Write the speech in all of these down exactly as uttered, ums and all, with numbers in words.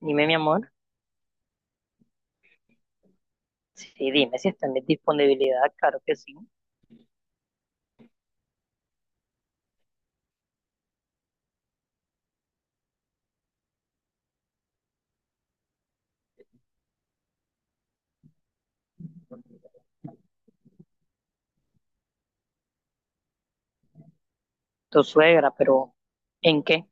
Dime, mi amor. Sí, dime si está en mi disponibilidad, claro que sí. Tu suegra, pero ¿en qué?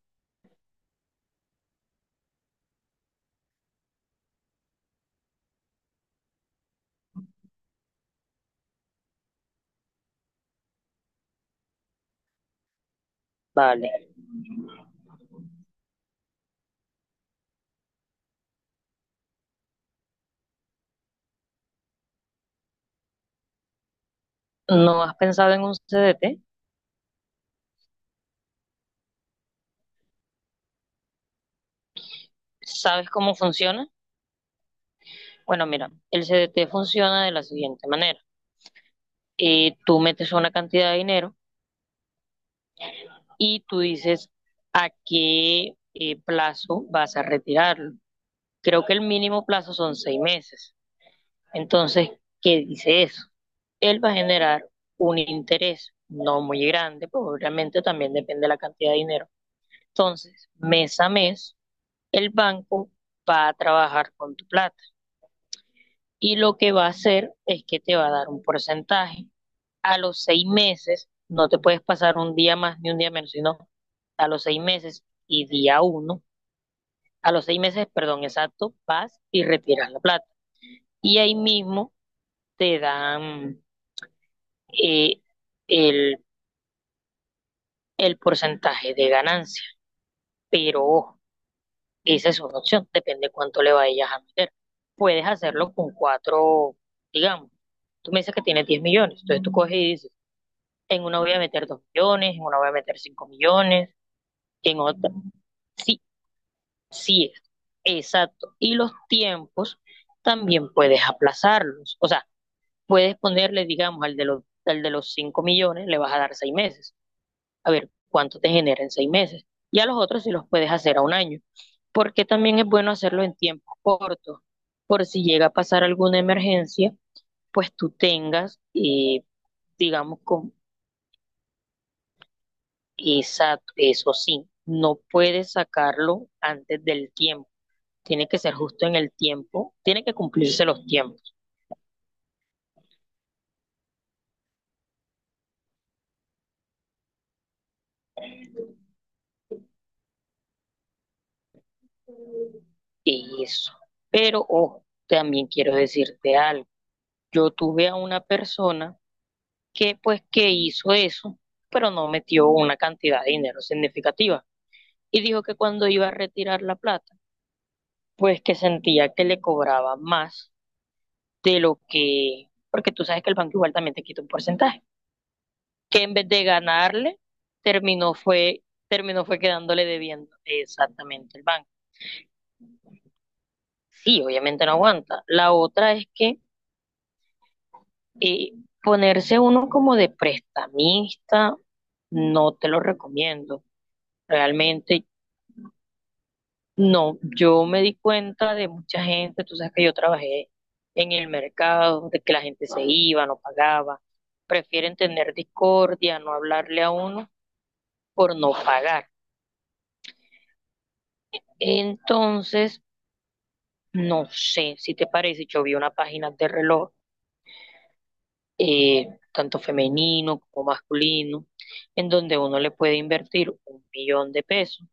Vale. ¿No has pensado en un C D T? ¿Sabes cómo funciona? Bueno, mira, el C D T funciona de la siguiente manera. Eh, tú metes una cantidad de dinero y tú dices a qué eh, plazo vas a retirarlo. Creo que el mínimo plazo son seis meses. Entonces, ¿qué dice eso? Él va a generar un interés no muy grande, pues obviamente también depende de la cantidad de dinero. Entonces, mes a mes, el banco va a trabajar con tu plata y lo que va a hacer es que te va a dar un porcentaje. A los seis meses, no te puedes pasar un día más ni un día menos, sino a los seis meses y día uno, a los seis meses, perdón, exacto, vas y retiras la plata. Y ahí mismo te dan eh, el, el porcentaje de ganancia. Pero ojo, esa es una opción, depende cuánto le vayas a meter. Puedes hacerlo con cuatro, digamos. Tú me dices que tienes diez millones, entonces tú coges y dices, en una voy a meter dos millones, en una voy a meter cinco millones, en otra. Sí, sí es. Exacto. Y los tiempos también puedes aplazarlos. O sea, puedes ponerle, digamos, al de los, al de los cinco millones, le vas a dar seis meses a ver cuánto te genera en seis meses. Y a los otros si los puedes hacer a un año. Porque también es bueno hacerlo en tiempos cortos, por si llega a pasar alguna emergencia, pues tú tengas, eh, digamos, con esa, eso sí, no puedes sacarlo antes del tiempo. Tiene que ser justo en el tiempo, tiene que cumplirse los tiempos. Eso. Pero, ojo, también quiero decirte algo. Yo tuve a una persona que pues que hizo eso, pero no metió una cantidad de dinero significativa. Y dijo que cuando iba a retirar la plata, pues que sentía que le cobraba más de lo que, porque tú sabes que el banco igual también te quita un porcentaje, que en vez de ganarle, terminó fue, terminó fue quedándole debiendo exactamente el banco. Sí, obviamente no aguanta. La otra es que eh, ponerse uno como de prestamista, no te lo recomiendo. Realmente. No, yo me di cuenta de mucha gente, tú sabes que yo trabajé en el mercado, de que la gente se iba, no pagaba, prefieren tener discordia, no hablarle a uno por no pagar. Entonces, no sé si te parece, yo vi una página de reloj, eh, tanto femenino como masculino, en donde uno le puede invertir un millón de pesos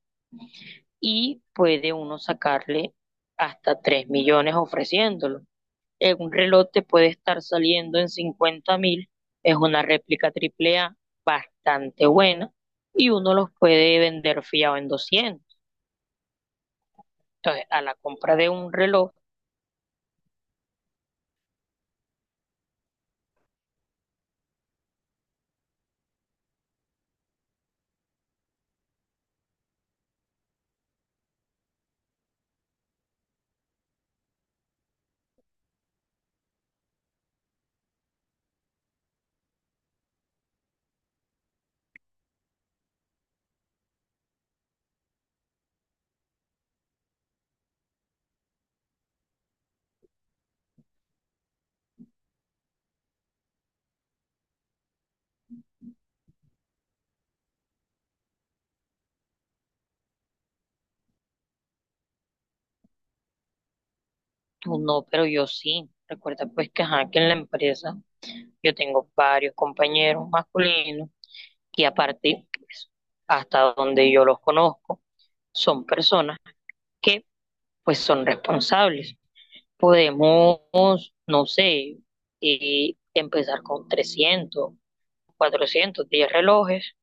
y puede uno sacarle hasta tres millones ofreciéndolo. En un reloj te puede estar saliendo en cincuenta mil. Es una réplica triple A bastante buena y uno los puede vender fiado en doscientos. Entonces, a la compra de un reloj, tú no, pero yo sí. Recuerda pues que, ajá, que en la empresa yo tengo varios compañeros masculinos y aparte, pues, hasta donde yo los conozco, son personas que pues son responsables. Podemos, no sé, eh, empezar con trescientos cuatrocientos diez relojes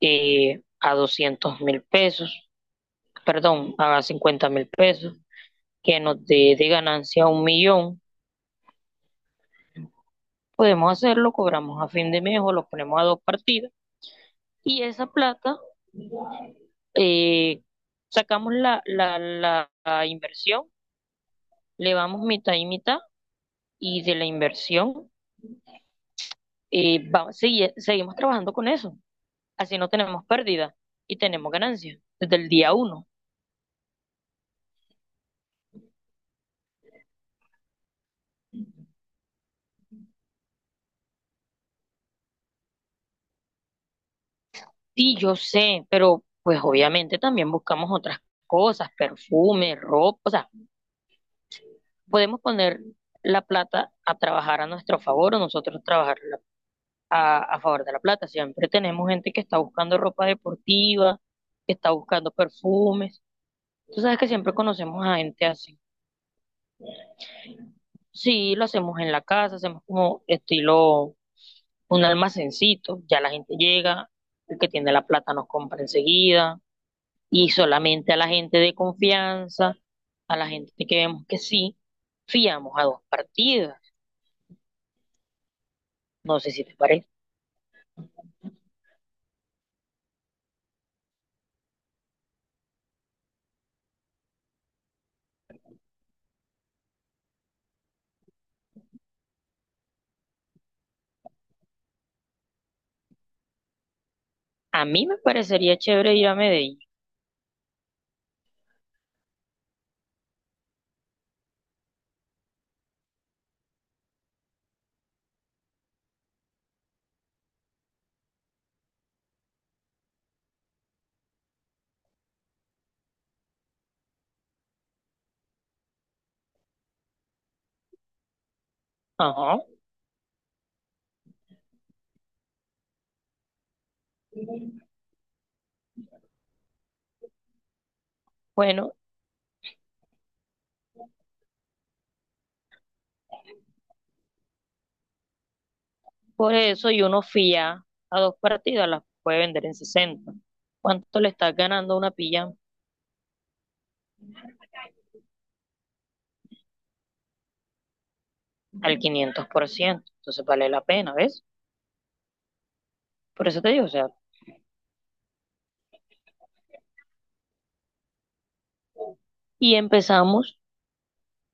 eh, a doscientos mil pesos, perdón, a cincuenta mil pesos, que nos dé de ganancia un millón. Podemos hacerlo, cobramos a fin de mes o lo ponemos a dos partidas y esa plata eh, sacamos la, la, la, la inversión, le vamos mitad y mitad y de la inversión eh, va- sigue- seguimos trabajando con eso. Así no tenemos pérdida y tenemos ganancia desde el día uno. Sí, yo sé, pero pues obviamente también buscamos otras cosas, perfume, ropa, o sea, podemos poner la plata a trabajar a nuestro favor o nosotros trabajar a, a favor de la plata. Siempre tenemos gente que está buscando ropa deportiva, que está buscando perfumes. Tú sabes que siempre conocemos a gente así. Sí, lo hacemos en la casa, hacemos como estilo un almacencito, ya la gente llega, el que tiene la plata nos compra enseguida y solamente a la gente de confianza, a la gente que vemos que sí, fiamos a dos partidas. No sé si te parece. A mí me parecería chévere ir a Medellín. Ajá. Bueno, por eso y uno fía a dos partidas, las puede vender en sesenta. ¿Cuánto le estás ganando una pilla? Al quinientos por ciento. Entonces vale la pena, ¿ves? Por eso te digo, o sea, y empezamos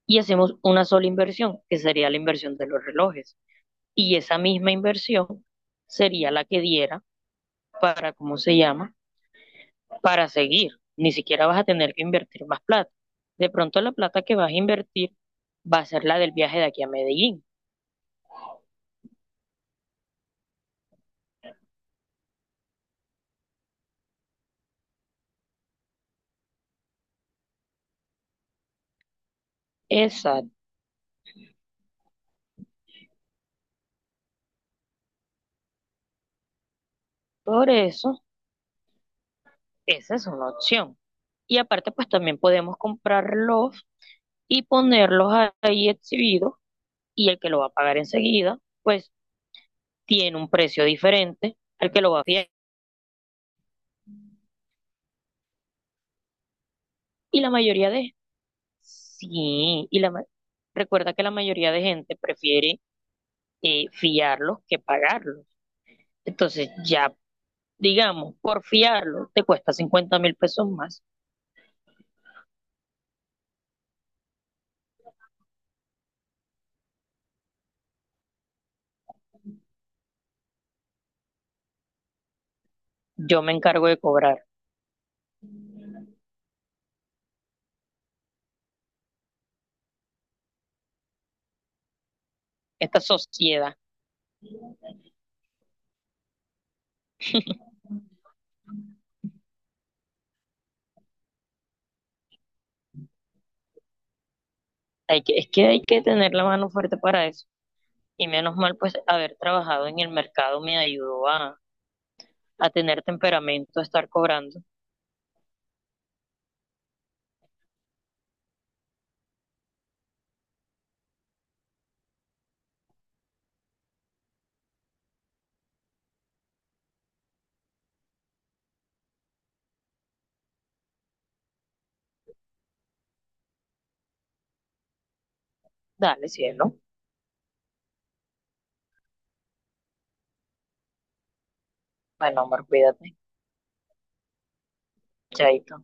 y hacemos una sola inversión, que sería la inversión de los relojes. Y esa misma inversión sería la que diera para, ¿cómo se llama? Para seguir. Ni siquiera vas a tener que invertir más plata. De pronto la plata que vas a invertir va a ser la del viaje de aquí a Medellín. Exacto. Por eso, esa es una opción. Y aparte, pues también podemos comprarlos y ponerlos ahí exhibidos y el que lo va a pagar enseguida, pues tiene un precio diferente al que lo va a fiar. Y la mayoría de Sí, y la, ma- recuerda que la mayoría de gente prefiere eh, fiarlos que pagarlos. Entonces, ya, digamos, por fiarlo te cuesta cincuenta mil pesos más. Yo me encargo de cobrar. Esta sociedad, hay que, es que hay que tener la mano fuerte para eso. Y menos mal, pues, haber trabajado en el mercado me ayudó a, a tener temperamento, a estar cobrando. Dale, cielo. Bueno, amor, cuídate. Chaito.